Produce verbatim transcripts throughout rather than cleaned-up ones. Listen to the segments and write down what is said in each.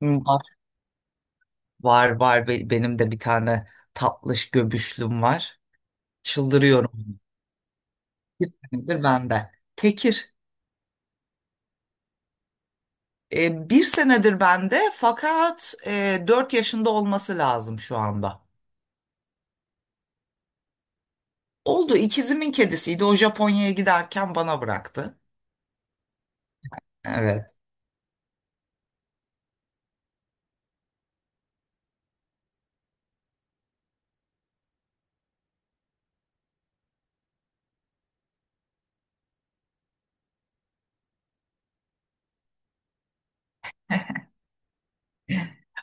Var, var, var. Be- benim de bir tane tatlış göbüşlüm var. Çıldırıyorum. Bir senedir bende. Tekir. E, bir senedir bende fakat e, dört yaşında olması lazım şu anda. Oldu, ikizimin kedisiydi. O Japonya'ya giderken bana bıraktı. Evet.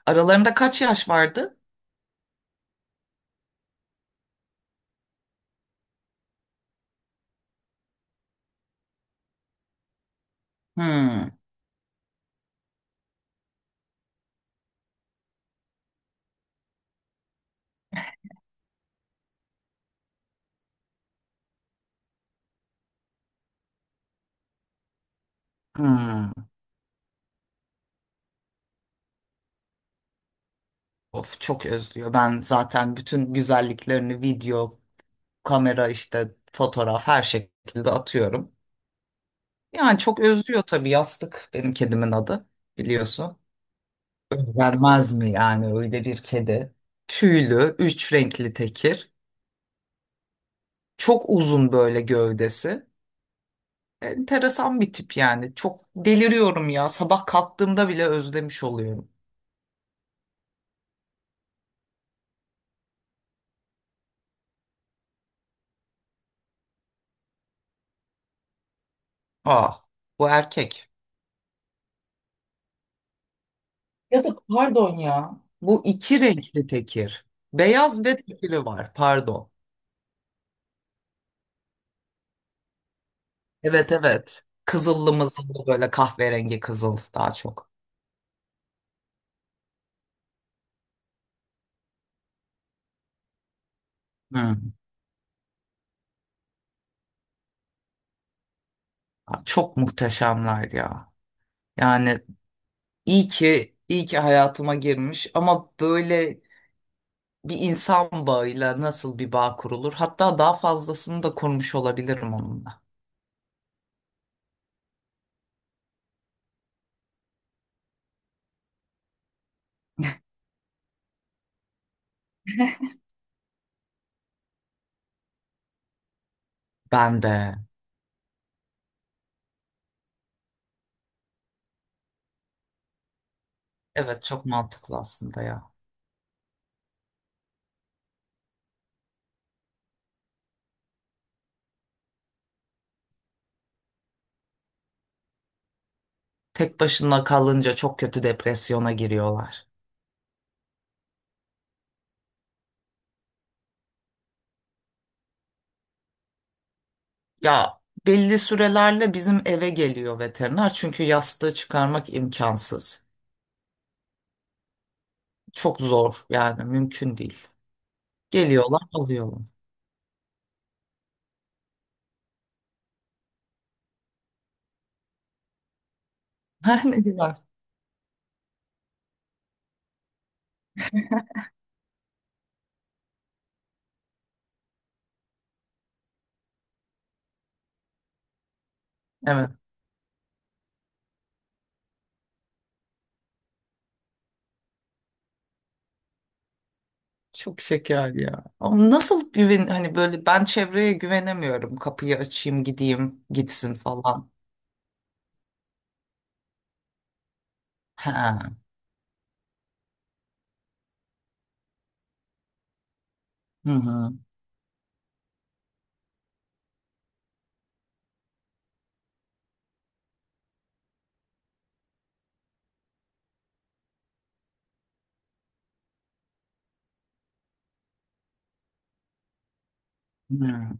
Aralarında kaç yaş vardı? Hmm. Hmm. Of, çok özlüyor. Ben zaten bütün güzelliklerini video, kamera, işte fotoğraf, her şekilde atıyorum. Yani çok özlüyor tabii. Yastık benim kedimin adı, biliyorsun. Vermez mi yani öyle bir kedi? Tüylü, üç renkli tekir. Çok uzun böyle gövdesi. Enteresan bir tip yani. Çok deliriyorum ya. Sabah kalktığımda bile özlemiş oluyorum. Ah, bu erkek. Ya da pardon ya, bu iki renkli tekir. Beyaz ve tekiri var, pardon. Evet, evet. Kızıllı mızıllı böyle, kahverengi kızıl daha çok. Hı. Abi, çok muhteşemler ya. Yani iyi ki iyi ki hayatıma girmiş, ama böyle bir insan bağıyla nasıl bir bağ kurulur? Hatta daha fazlasını da kurmuş olabilirim onunla. Ben de. Evet, çok mantıklı aslında ya. Tek başına kalınca çok kötü depresyona giriyorlar. Ya, belli sürelerle bizim eve geliyor veteriner, çünkü yastığı çıkarmak imkansız. Çok zor yani, mümkün değil. Geliyorlar, alıyorlar. Ne güzel. Evet. Çok şeker ya. Ama nasıl güven? Hani böyle, ben çevreye güvenemiyorum. Kapıyı açayım, gideyim, gitsin falan. Ha. Hı hı. Hı.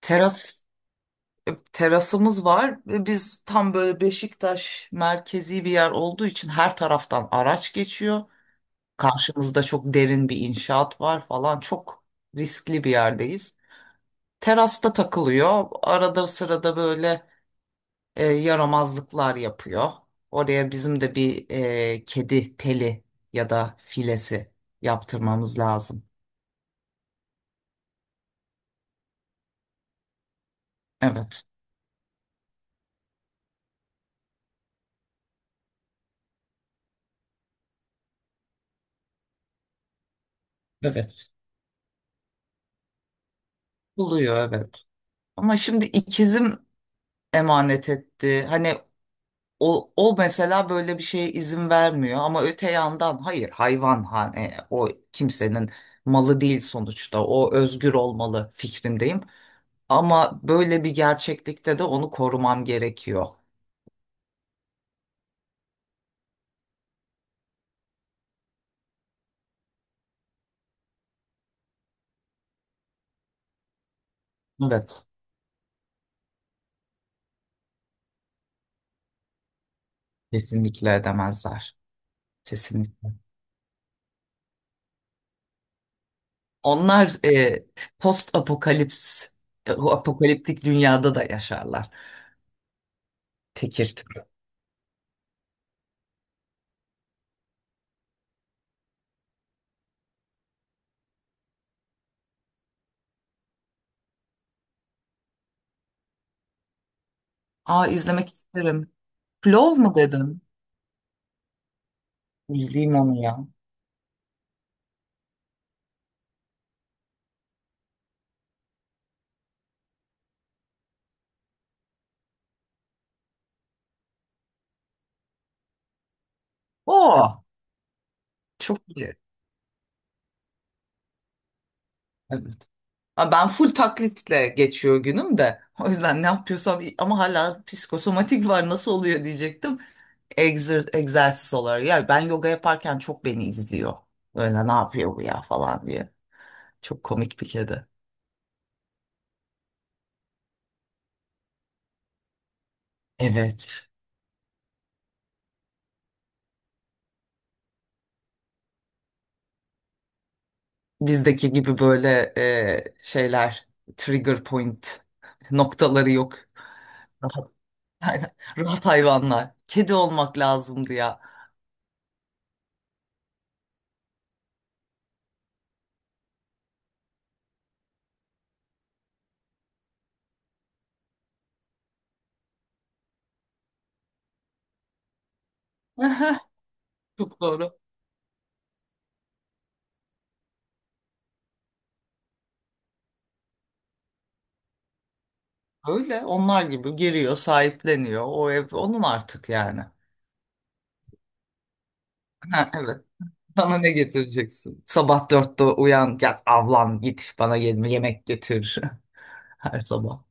Teras e, Terasımız var ve biz tam böyle Beşiktaş, merkezi bir yer olduğu için her taraftan araç geçiyor. Karşımızda çok derin bir inşaat var falan. Çok riskli bir yerdeyiz. Terasta takılıyor. Arada sırada böyle e, yaramazlıklar yapıyor. Oraya bizim de bir e, kedi teli ya da filesi yaptırmamız lazım. Evet, evet. Buluyor, evet. Ama şimdi ikizim emanet etti. Hani o, o mesela böyle bir şeye izin vermiyor, ama öte yandan hayır, hayvan hani o kimsenin malı değil sonuçta. O özgür olmalı fikrindeyim. Ama böyle bir gerçeklikte de onu korumam gerekiyor. Evet, kesinlikle edemezler. Kesinlikle. Onlar e, post apokalips, e, o apokaliptik dünyada da yaşarlar. Tekir türü. Aa, izlemek isterim. Plov mu dedin? İzleyeyim onu ya. Oo, çok iyi. Evet. Ha, ben full taklitle geçiyor günüm de. O yüzden ne yapıyorsam, ama hala psikosomatik var, nasıl oluyor diyecektim. Egzer, egzersiz olarak. Ya ben yoga yaparken çok beni izliyor. Böyle, ne yapıyor bu ya falan diye. Çok komik bir kedi. Evet. Bizdeki gibi böyle e, şeyler, trigger point noktaları yok. Rahat. Rahat hayvanlar. Kedi olmak lazımdı ya. Çok doğru. Öyle, onlar gibi giriyor, sahipleniyor. O ev onun artık yani. Ha, evet. Bana ne getireceksin? Sabah dörtte uyan, yat, avlan, git, bana gelme, yemek getir her sabah.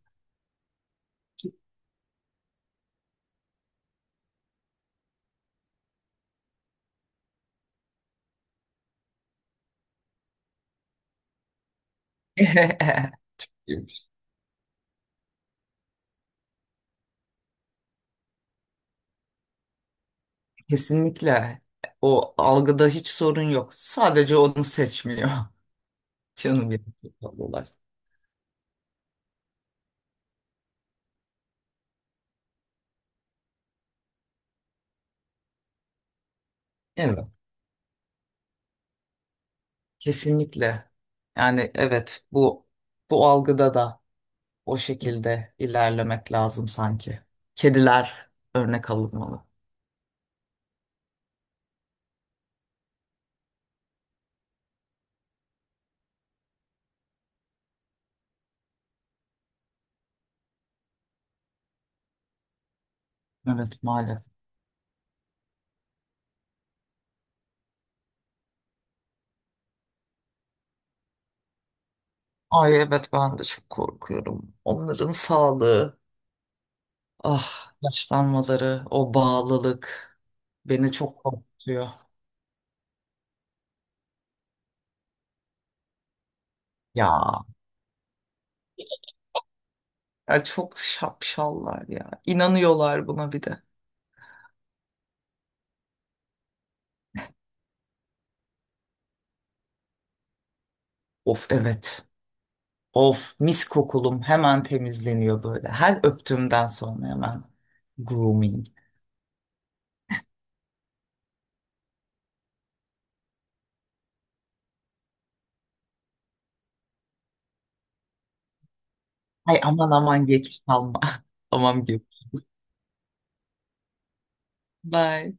Kesinlikle, o algıda hiç sorun yok. Sadece onu seçmiyor. Canım benim, çok tatlılar. Evet, kesinlikle. Yani evet, bu bu algıda da o şekilde ilerlemek lazım sanki. Kediler örnek alınmalı. Evet, maalesef. Ay evet, ben de çok korkuyorum. Onların sağlığı, ah, yaşlanmaları, o bağlılık beni çok korkutuyor. Ya, ya çok şapşallar ya. İnanıyorlar buna bir de. Of, evet. Of, mis kokulum hemen temizleniyor böyle. Her öptüğümden sonra hemen grooming. Ay, aman aman, geç kalma. Tamam gibi. Bye.